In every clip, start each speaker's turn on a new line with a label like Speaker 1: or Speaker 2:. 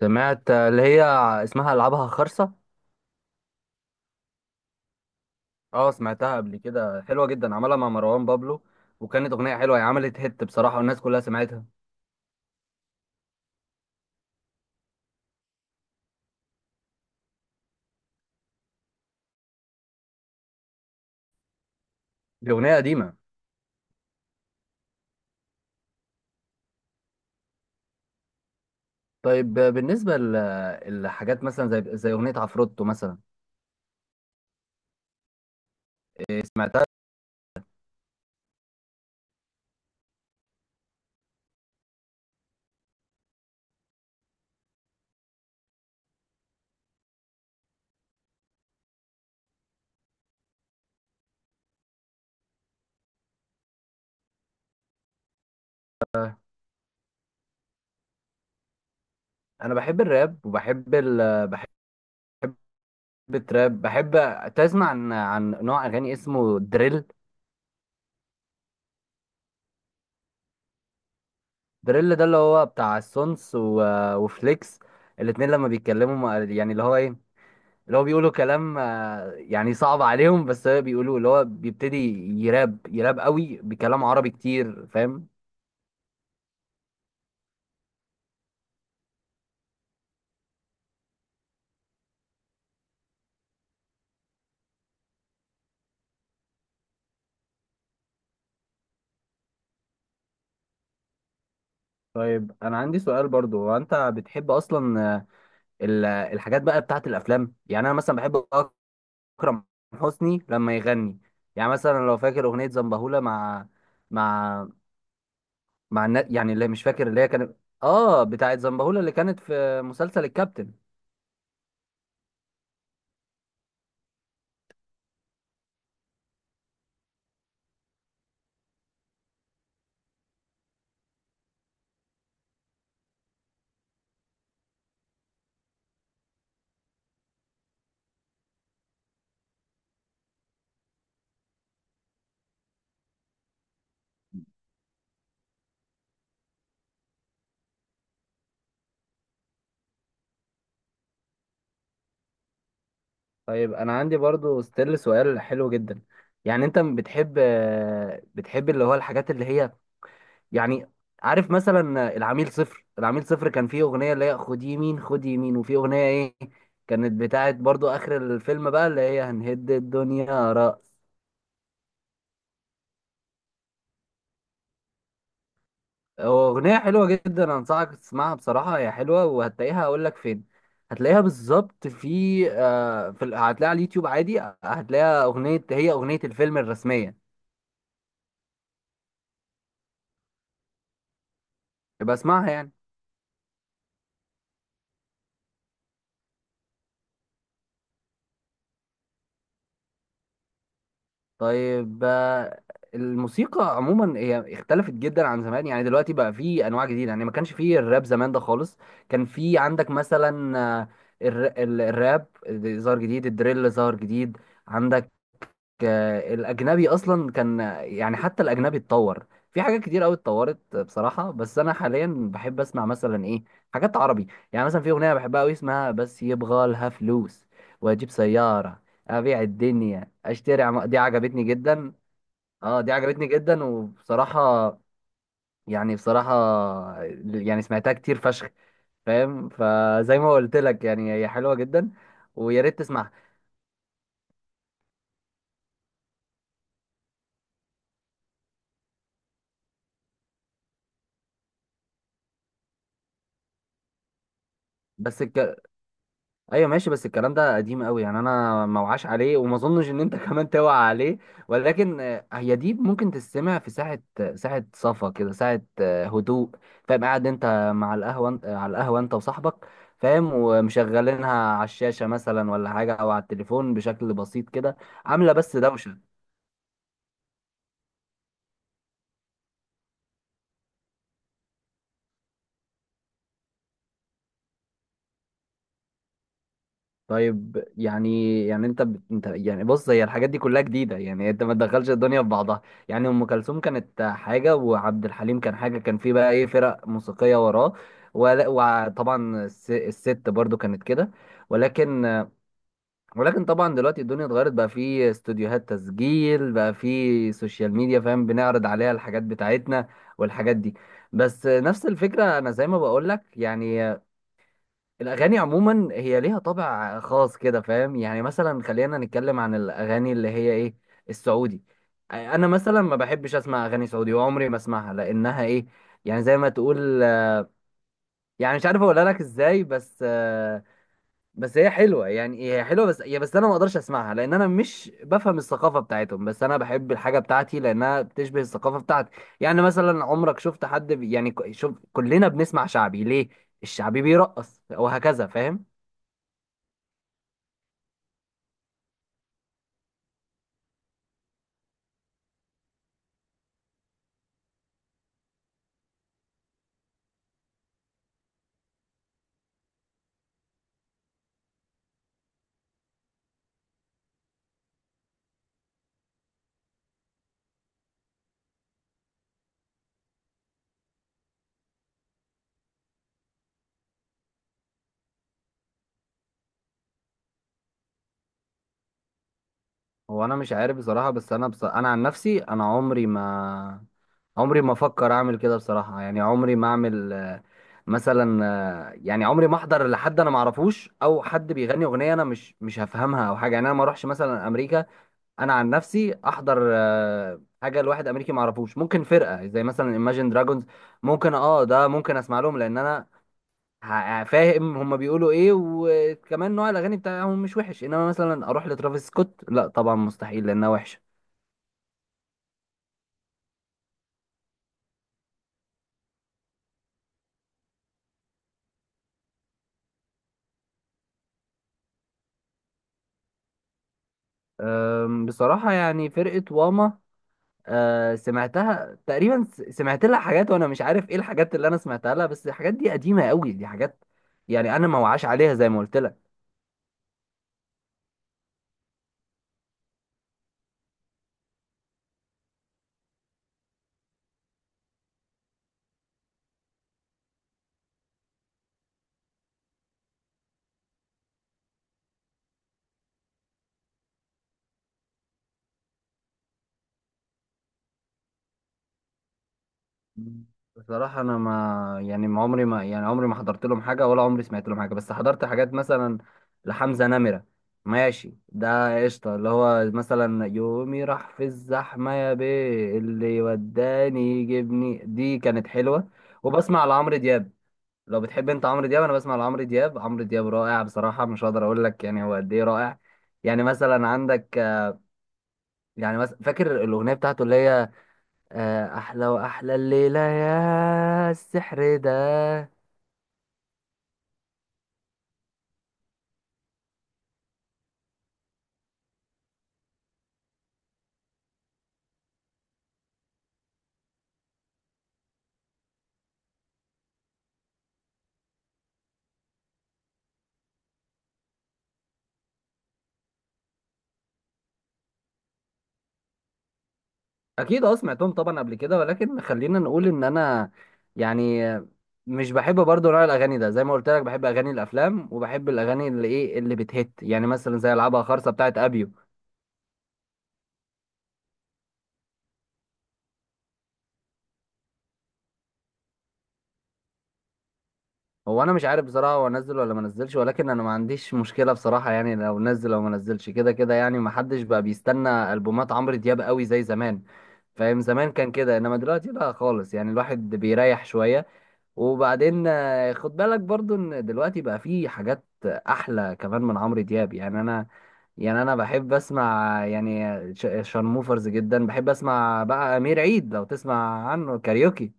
Speaker 1: سمعت اللي هي اسمها العابها خرصة. اه سمعتها قبل كده، حلوة جدا، عملها مع مروان بابلو. وكانت اغنية حلوة، هي عملت هيت بصراحة والناس كلها سمعتها. دي اغنية قديمة. طيب بالنسبة لحاجات مثلا زي اغنية عفروتو مثلا؟ إيه، سمعتها. انا بحب الراب وبحب بحب التراب. بحب تسمع عن نوع اغاني اسمه دريل. دريل ده اللي هو بتاع السونس وفليكس. الاتنين لما بيتكلموا يعني اللي هو ايه، اللي هو بيقولوا كلام يعني صعب عليهم، بس هو بيقولوا اللي هو بيبتدي يراب، يراب قوي بكلام عربي كتير، فاهم. طيب انا عندي سؤال برضو، هو انت بتحب اصلا الحاجات بقى بتاعت الافلام؟ يعني انا مثلا بحب اكرم حسني لما يغني. يعني مثلا لو فاكر اغنية زنبهولة مع مع مع يعني اللي مش فاكر اللي هي كانت، اه بتاعت زنبهولة اللي كانت في مسلسل الكابتن. طيب انا عندي برضو ستيل سؤال حلو جدا. يعني انت بتحب اللي هو الحاجات اللي هي يعني، عارف مثلا العميل صفر؟ العميل صفر كان فيه اغنية اللي هي خد يمين، خد يمين، وفي اغنية ايه، كانت بتاعت برضو اخر الفيلم بقى اللي هي هنهد الدنيا رأس. هو اغنية حلوة جدا، انصحك تسمعها بصراحة، هي حلوة، وهتلاقيها اقول لك فين. هتلاقيها بالظبط في هتلاقيها على اليوتيوب عادي، هتلاقيها اغنية، هي اغنية الفيلم الرسمية. يبقى اسمعها يعني. طيب الموسيقى عموما هي اختلفت جدا عن زمان. يعني دلوقتي بقى في انواع جديده، يعني ما كانش فيه الراب زمان ده خالص. كان في عندك مثلا الراب ظهر جديد، الدريل ظهر جديد. عندك الاجنبي اصلا كان، يعني حتى الاجنبي اتطور. في حاجات كتير قوي اتطورت بصراحه، بس انا حاليا بحب اسمع مثلا ايه، حاجات عربي. يعني مثلا في اغنيه بحبها قوي اسمها بس يبغى لها فلوس واجيب سياره، ابيع الدنيا اشتري دي عجبتني جدا. اه دي عجبتني جدا وبصراحه، يعني بصراحه يعني سمعتها كتير فشخ، فاهم، فزي ما قلت لك يعني هي حلوه جدا، ويا ريت تسمعها. بس ك... ايوه ماشي، بس الكلام ده قديم قوي، يعني انا ما وعاش عليه وما اظنش ان انت كمان توعى عليه. ولكن هي دي ممكن تستمع في ساعه، ساعه صفا كده، ساعه هدوء، فاهم، قاعد انت مع القهوه على القهوه انت وصاحبك، فاهم، ومشغلينها على الشاشه مثلا ولا حاجه، او على التليفون بشكل بسيط كده، عامله بس دوشه. طيب يعني انت انت يعني، بص هي الحاجات دي كلها جديده، يعني انت ما تدخلش الدنيا في بعضها. يعني ام كلثوم كانت حاجه، وعبد الحليم كان حاجه، كان في بقى ايه فرق موسيقيه وراه. وطبعا الست برضو كانت كده. ولكن، ولكن طبعا دلوقتي الدنيا اتغيرت، بقى في استوديوهات تسجيل، بقى في سوشيال ميديا، فاهم، بنعرض عليها الحاجات بتاعتنا والحاجات دي. بس نفس الفكره، انا زي ما بقول لك يعني الأغاني عموما هي ليها طابع خاص كده، فاهم، يعني مثلا خلينا نتكلم عن الأغاني اللي هي إيه، السعودي. أنا مثلا ما بحبش أسمع أغاني سعودي وعمري ما أسمعها لأنها إيه، يعني زي ما تقول، يعني مش عارف أقولها لك إزاي، بس بس هي حلوة، يعني هي حلوة، بس أنا ما أقدرش أسمعها لأن أنا مش بفهم الثقافة بتاعتهم. بس أنا بحب الحاجة بتاعتي لأنها بتشبه الثقافة بتاعتي. يعني مثلا عمرك شفت حد يعني شوف، كلنا بنسمع شعبي ليه؟ الشعبي بيرقص وهكذا، فاهم. هو انا مش عارف بصراحه، بس انا انا عن نفسي انا عمري ما افكر اعمل كده بصراحه، يعني عمري ما اعمل مثلا يعني عمري ما احضر لحد انا ما اعرفوش، او حد بيغني اغنيه انا مش هفهمها او حاجه. يعني انا ما اروحش مثلا امريكا انا عن نفسي احضر حاجه لواحد امريكي ما اعرفوش. ممكن فرقه زي مثلا Imagine Dragons ممكن، اه ده ممكن اسمع لهم لان انا فاهم هما بيقولوا ايه، وكمان نوع الاغاني بتاعهم مش وحش. انما مثلا اروح لترافيس سكوت، لا طبعا مستحيل لانها وحشه. أم، بصراحة يعني فرقة واما أه، سمعتها تقريبا، سمعت لها حاجات وانا مش عارف ايه الحاجات اللي انا سمعتها لها، بس الحاجات دي قديمة قوي، دي حاجات يعني انا ما وعاش عليها زي ما قلت لك. مم. بصراحة انا ما يعني ما عمري ما، يعني عمري ما حضرت لهم حاجة ولا عمري سمعت لهم حاجة. بس حضرت حاجات مثلا لحمزة نمرة. ماشي، ده قشطة، اللي هو مثلا يومي راح في الزحمة، يا بيه اللي وداني يجيبني، دي كانت حلوة. وبسمع لعمرو دياب، لو بتحب انت عمرو دياب، انا بسمع لعمرو دياب، عمرو دياب رائع بصراحه، مش هقدر اقول لك يعني هو قد ايه رائع. يعني مثلا عندك يعني مثلا فاكر الاغنيه بتاعته اللي هي احلى واحلى الليله يا السحر ده. اكيد، اه سمعتهم طبعا قبل كده، ولكن خلينا نقول ان انا يعني مش بحب برضو نوع الاغاني ده زي ما قلت لك، بحب اغاني الافلام وبحب الاغاني اللي ايه اللي بتهت، يعني مثلا زي العبها خرصه بتاعت ابيو. هو انا مش عارف بصراحه، هو انزل ولا ما انزلش، ولكن انا ما عنديش مشكله بصراحه، يعني لو نزل او ما نزلش كده كده، يعني ما حدش بقى بيستنى البومات عمرو دياب قوي زي زمان. فاهم، زمان كان كده، انما دلوقتي لا خالص، يعني الواحد بيريح شويه. وبعدين خد بالك برضو ان دلوقتي بقى في حاجات احلى كمان من عمرو دياب. يعني انا بحب اسمع يعني شارموفرز جدا، بحب اسمع بقى امير عيد، لو تسمع عنه كاريوكي.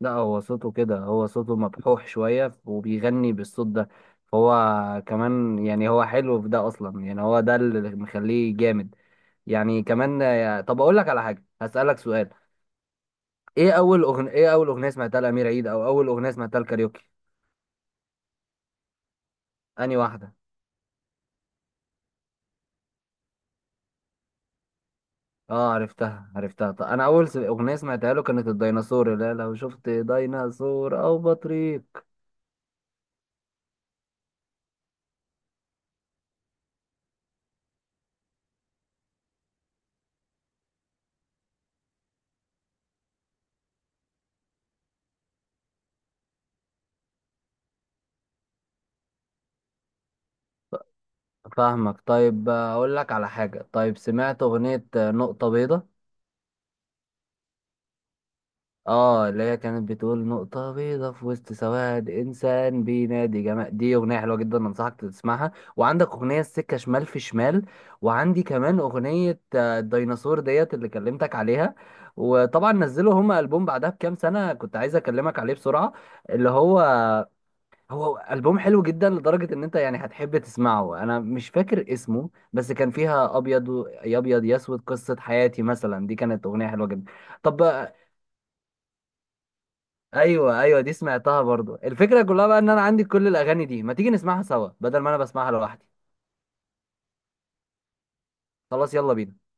Speaker 1: لا، هو صوته كده، هو صوته مبحوح شوية وبيغني بالصوت ده، فهو كمان يعني هو حلو في ده أصلا، يعني هو ده اللي مخليه جامد يعني كمان. طب أقول لك على حاجة، هسألك سؤال. إيه أول أغنية سمعتها لأمير عيد، أو أول أغنية سمعتها لكاريوكي؟ أنهي واحدة؟ آه، عرفتها. طب أنا أول أغنية سمعتها له كانت الديناصور، لا لو شفت ديناصور أو بطريق. فاهمك. طيب أقول لك على حاجة، طيب سمعت أغنية نقطة بيضاء؟ اه، اللي هي كانت بتقول نقطة بيضة في وسط سواد، إنسان بينادي جمال، دي أغنية حلوة جدا أنصحك تسمعها. وعندك أغنية السكة شمال في شمال، وعندي كمان أغنية الديناصور ديت اللي كلمتك عليها. وطبعا نزلوا هما ألبوم بعدها بكام سنة كنت عايز أكلمك عليه بسرعة، اللي هو، هو ألبوم حلو جدا لدرجة إن أنت يعني هتحب تسمعه. أنا مش فاكر اسمه، بس كان فيها أبيض يا أبيض يا أسود، قصة حياتي مثلا دي كانت أغنية حلوة جدا. طب. ايوه ايوه، دي سمعتها برضو. الفكره كلها بقى ان انا عندي كل الاغاني دي، ما تيجي نسمعها سوا بدل ما انا بسمعها لوحدي. خلاص يلا بينا.